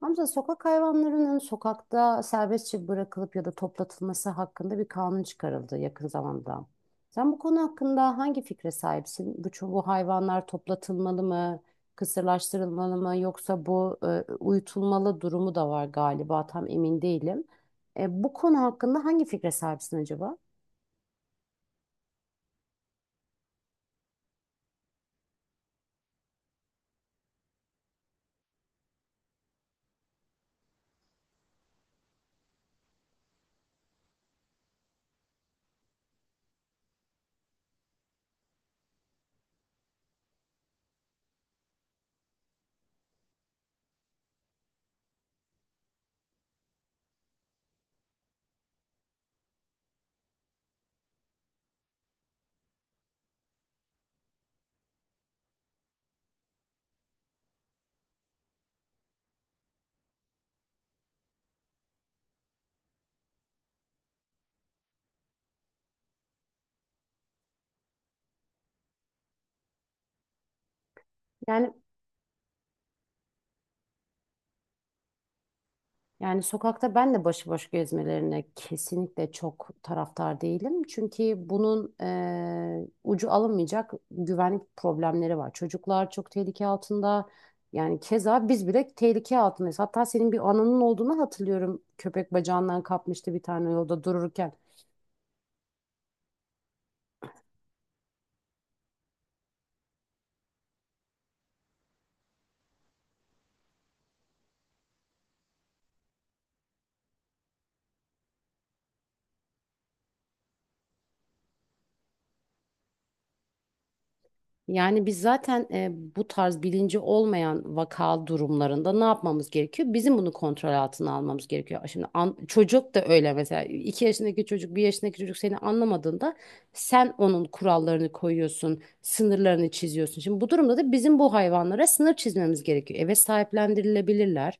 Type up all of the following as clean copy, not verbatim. Hamza, sokak hayvanlarının sokakta serbestçe bırakılıp ya da toplatılması hakkında bir kanun çıkarıldı yakın zamanda. Sen bu konu hakkında hangi fikre sahipsin? Bu hayvanlar toplatılmalı mı, kısırlaştırılmalı mı, yoksa bu uyutulmalı durumu da var galiba, tam emin değilim. Bu konu hakkında hangi fikre sahipsin acaba? Yani Yani sokakta ben de başıboş gezmelerine kesinlikle çok taraftar değilim. Çünkü bunun ucu alınmayacak güvenlik problemleri var. Çocuklar çok tehlike altında. Yani keza biz bile tehlike altındayız. Hatta senin bir anının olduğunu hatırlıyorum. Köpek bacağından kapmıştı bir tane yolda dururken. Yani biz zaten bu tarz bilinci olmayan vaka durumlarında ne yapmamız gerekiyor? Bizim bunu kontrol altına almamız gerekiyor. Şimdi çocuk da öyle mesela, 2 yaşındaki çocuk, bir yaşındaki çocuk seni anlamadığında sen onun kurallarını koyuyorsun, sınırlarını çiziyorsun. Şimdi bu durumda da bizim bu hayvanlara sınır çizmemiz gerekiyor. Evet, sahiplendirilebilirler.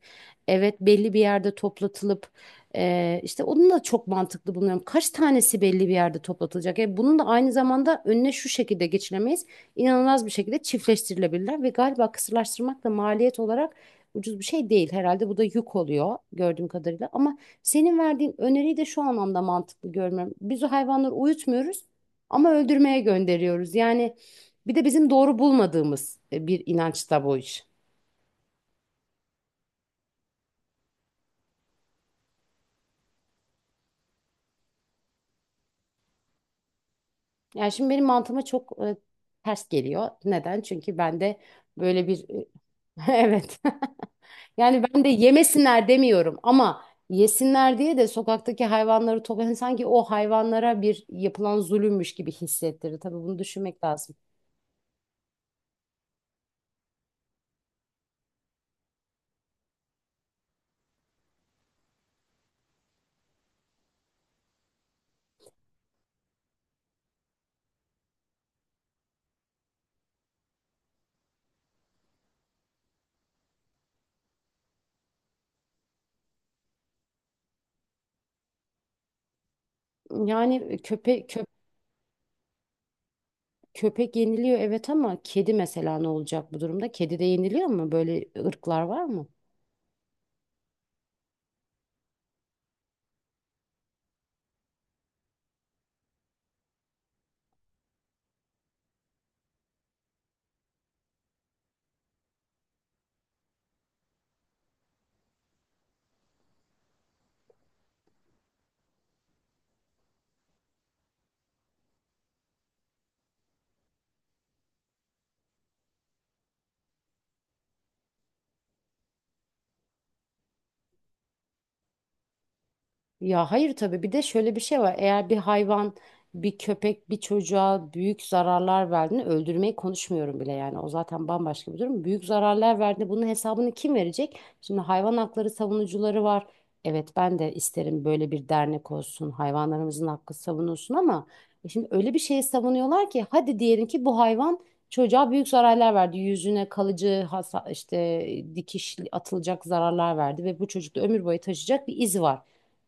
Evet, belli bir yerde toplatılıp işte onu da çok mantıklı buluyorum. Kaç tanesi belli bir yerde toplatılacak? Bunun da aynı zamanda önüne şu şekilde geçilemeyiz, inanılmaz bir şekilde çiftleştirilebilirler ve galiba kısırlaştırmak da maliyet olarak ucuz bir şey değil. Herhalde bu da yük oluyor gördüğüm kadarıyla. Ama senin verdiğin öneriyi de şu anlamda mantıklı görmüyorum. Biz o hayvanları uyutmuyoruz ama öldürmeye gönderiyoruz. Yani bir de bizim doğru bulmadığımız bir inanç da bu iş. Yani şimdi benim mantığıma çok ters geliyor. Neden? Çünkü ben de böyle bir evet Yani ben de yemesinler demiyorum ama yesinler diye de sokaktaki hayvanları topla, yani sanki o hayvanlara bir yapılan zulümmüş gibi hissettirir. Tabii bunu düşünmek lazım. Yani köpek yeniliyor evet, ama kedi mesela ne olacak bu durumda? Kedi de yeniliyor mu? Böyle ırklar var mı? Ya hayır, tabii bir de şöyle bir şey var. Eğer bir hayvan, bir köpek, bir çocuğa büyük zararlar verdiğinde, öldürmeyi konuşmuyorum bile yani. O zaten bambaşka bir durum. Büyük zararlar verdiğinde bunun hesabını kim verecek? Şimdi hayvan hakları savunucuları var. Evet, ben de isterim böyle bir dernek olsun. Hayvanlarımızın hakkı savunulsun ama şimdi öyle bir şeyi savunuyorlar ki, hadi diyelim ki bu hayvan çocuğa büyük zararlar verdi. Yüzüne kalıcı hasa, işte dikiş atılacak zararlar verdi ve bu çocukta ömür boyu taşıyacak bir iz var.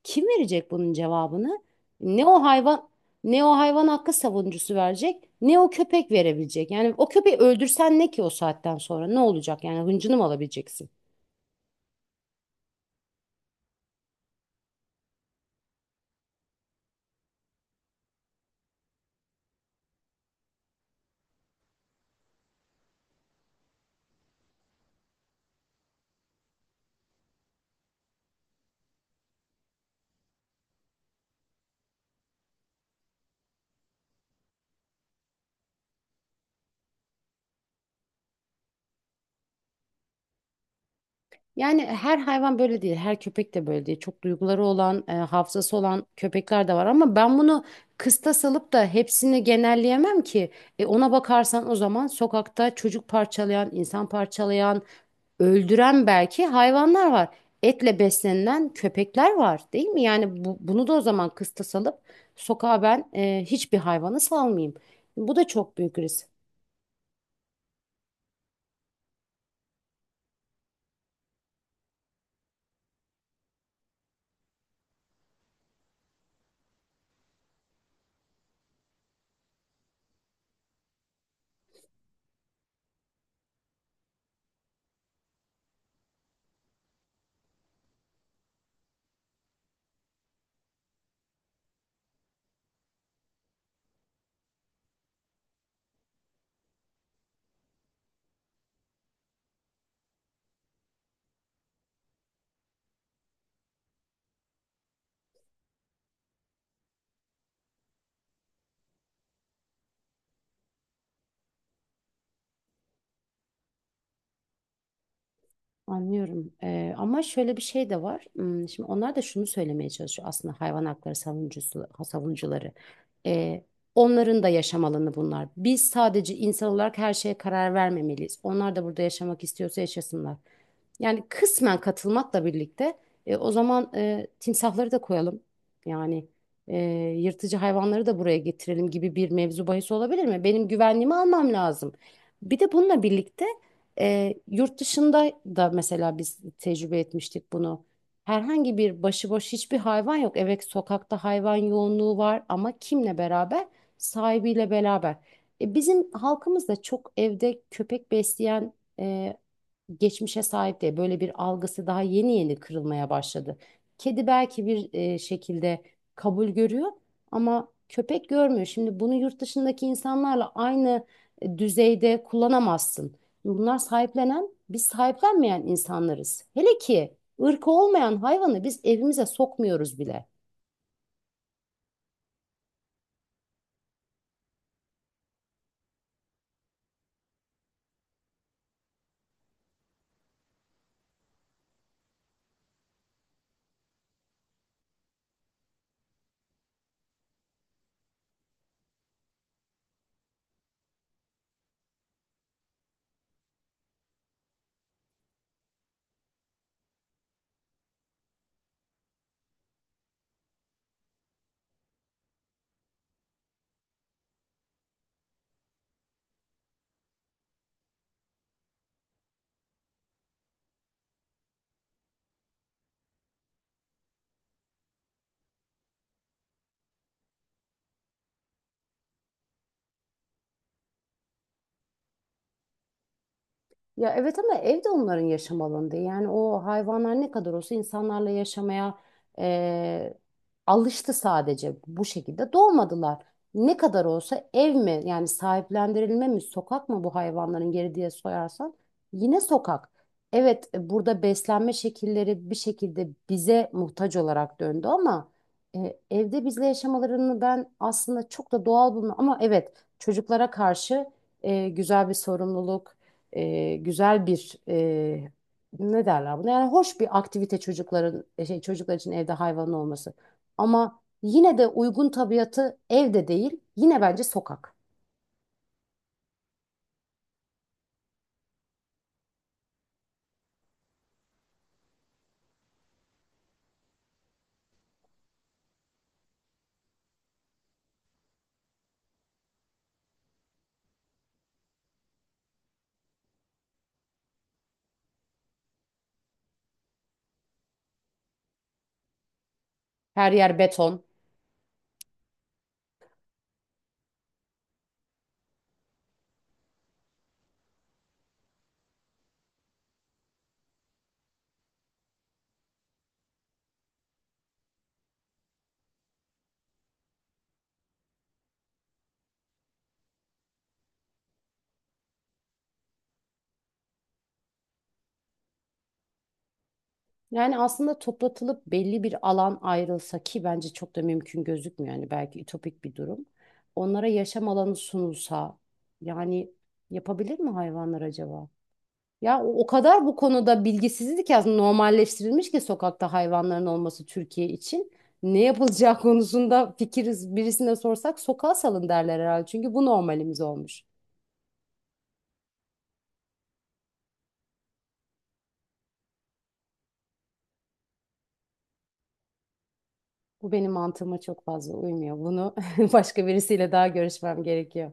Kim verecek bunun cevabını? Ne o hayvan, ne o hayvan hakkı savunucusu verecek, ne o köpek verebilecek. Yani o köpeği öldürsen ne ki, o saatten sonra ne olacak? Yani hıncını mı alabileceksin? Yani her hayvan böyle değil, her köpek de böyle değil. Çok duyguları olan, hafızası olan köpekler de var, ama ben bunu kıstas alıp da hepsini genelleyemem ki. Ona bakarsan, o zaman sokakta çocuk parçalayan, insan parçalayan, öldüren belki hayvanlar var. Etle beslenilen köpekler var, değil mi? Yani bu, bunu da o zaman kıstas alıp sokağa ben hiçbir hayvanı salmayayım. Bu da çok büyük risk. Anlıyorum. Ama şöyle bir şey de var. Hmm, şimdi onlar da şunu söylemeye çalışıyor aslında, hayvan hakları savunucusu, savunucuları. E, onların da yaşam alanı bunlar. Biz sadece insan olarak her şeye karar vermemeliyiz. Onlar da burada yaşamak istiyorsa yaşasınlar. Yani kısmen katılmakla birlikte, o zaman timsahları da koyalım. Yani e, yırtıcı hayvanları da buraya getirelim gibi bir mevzu bahis olabilir mi? Benim güvenliğimi almam lazım. Bir de bununla birlikte yurt dışında da mesela biz tecrübe etmiştik bunu. Herhangi bir başıboş hiçbir hayvan yok. Evet, sokakta hayvan yoğunluğu var ama kimle beraber? Sahibiyle beraber. Bizim halkımız da çok evde köpek besleyen e, geçmişe sahip diye böyle bir algısı daha yeni yeni kırılmaya başladı. Kedi belki bir şekilde kabul görüyor ama köpek görmüyor. Şimdi bunu yurt dışındaki insanlarla aynı düzeyde kullanamazsın. Bunlar sahiplenen, biz sahiplenmeyen insanlarız. Hele ki ırkı olmayan hayvanı biz evimize sokmuyoruz bile. Ya evet, ama ev de onların yaşam alanı değil. Yani o hayvanlar ne kadar olsa insanlarla yaşamaya eee, alıştı, sadece bu şekilde doğmadılar. Ne kadar olsa ev mi, yani sahiplendirilme mi, sokak mı bu hayvanların geri diye sorarsan, yine sokak. Evet, burada beslenme şekilleri bir şekilde bize muhtaç olarak döndü, ama evde bizle yaşamalarını ben aslında çok da doğal bulmuyorum. Ama evet, çocuklara karşı güzel bir sorumluluk, e, güzel bir e, ne derler buna? Yani hoş bir aktivite çocukların, çocuklar için evde hayvanın olması. Ama yine de uygun tabiatı evde değil, yine bence sokak. Her yer beton. Yani aslında toplatılıp belli bir alan ayrılsa, ki bence çok da mümkün gözükmüyor, yani belki ütopik bir durum. Onlara yaşam alanı sunulsa, yani yapabilir mi hayvanlar acaba? Ya o, o kadar bu konuda bilgisizlik aslında normalleştirilmiş ki sokakta hayvanların olması Türkiye için. Ne yapılacağı konusunda fikiriz, birisine sorsak sokağa salın derler herhalde. Çünkü bu normalimiz olmuş. Bu benim mantığıma çok fazla uymuyor. Bunu başka birisiyle daha görüşmem gerekiyor.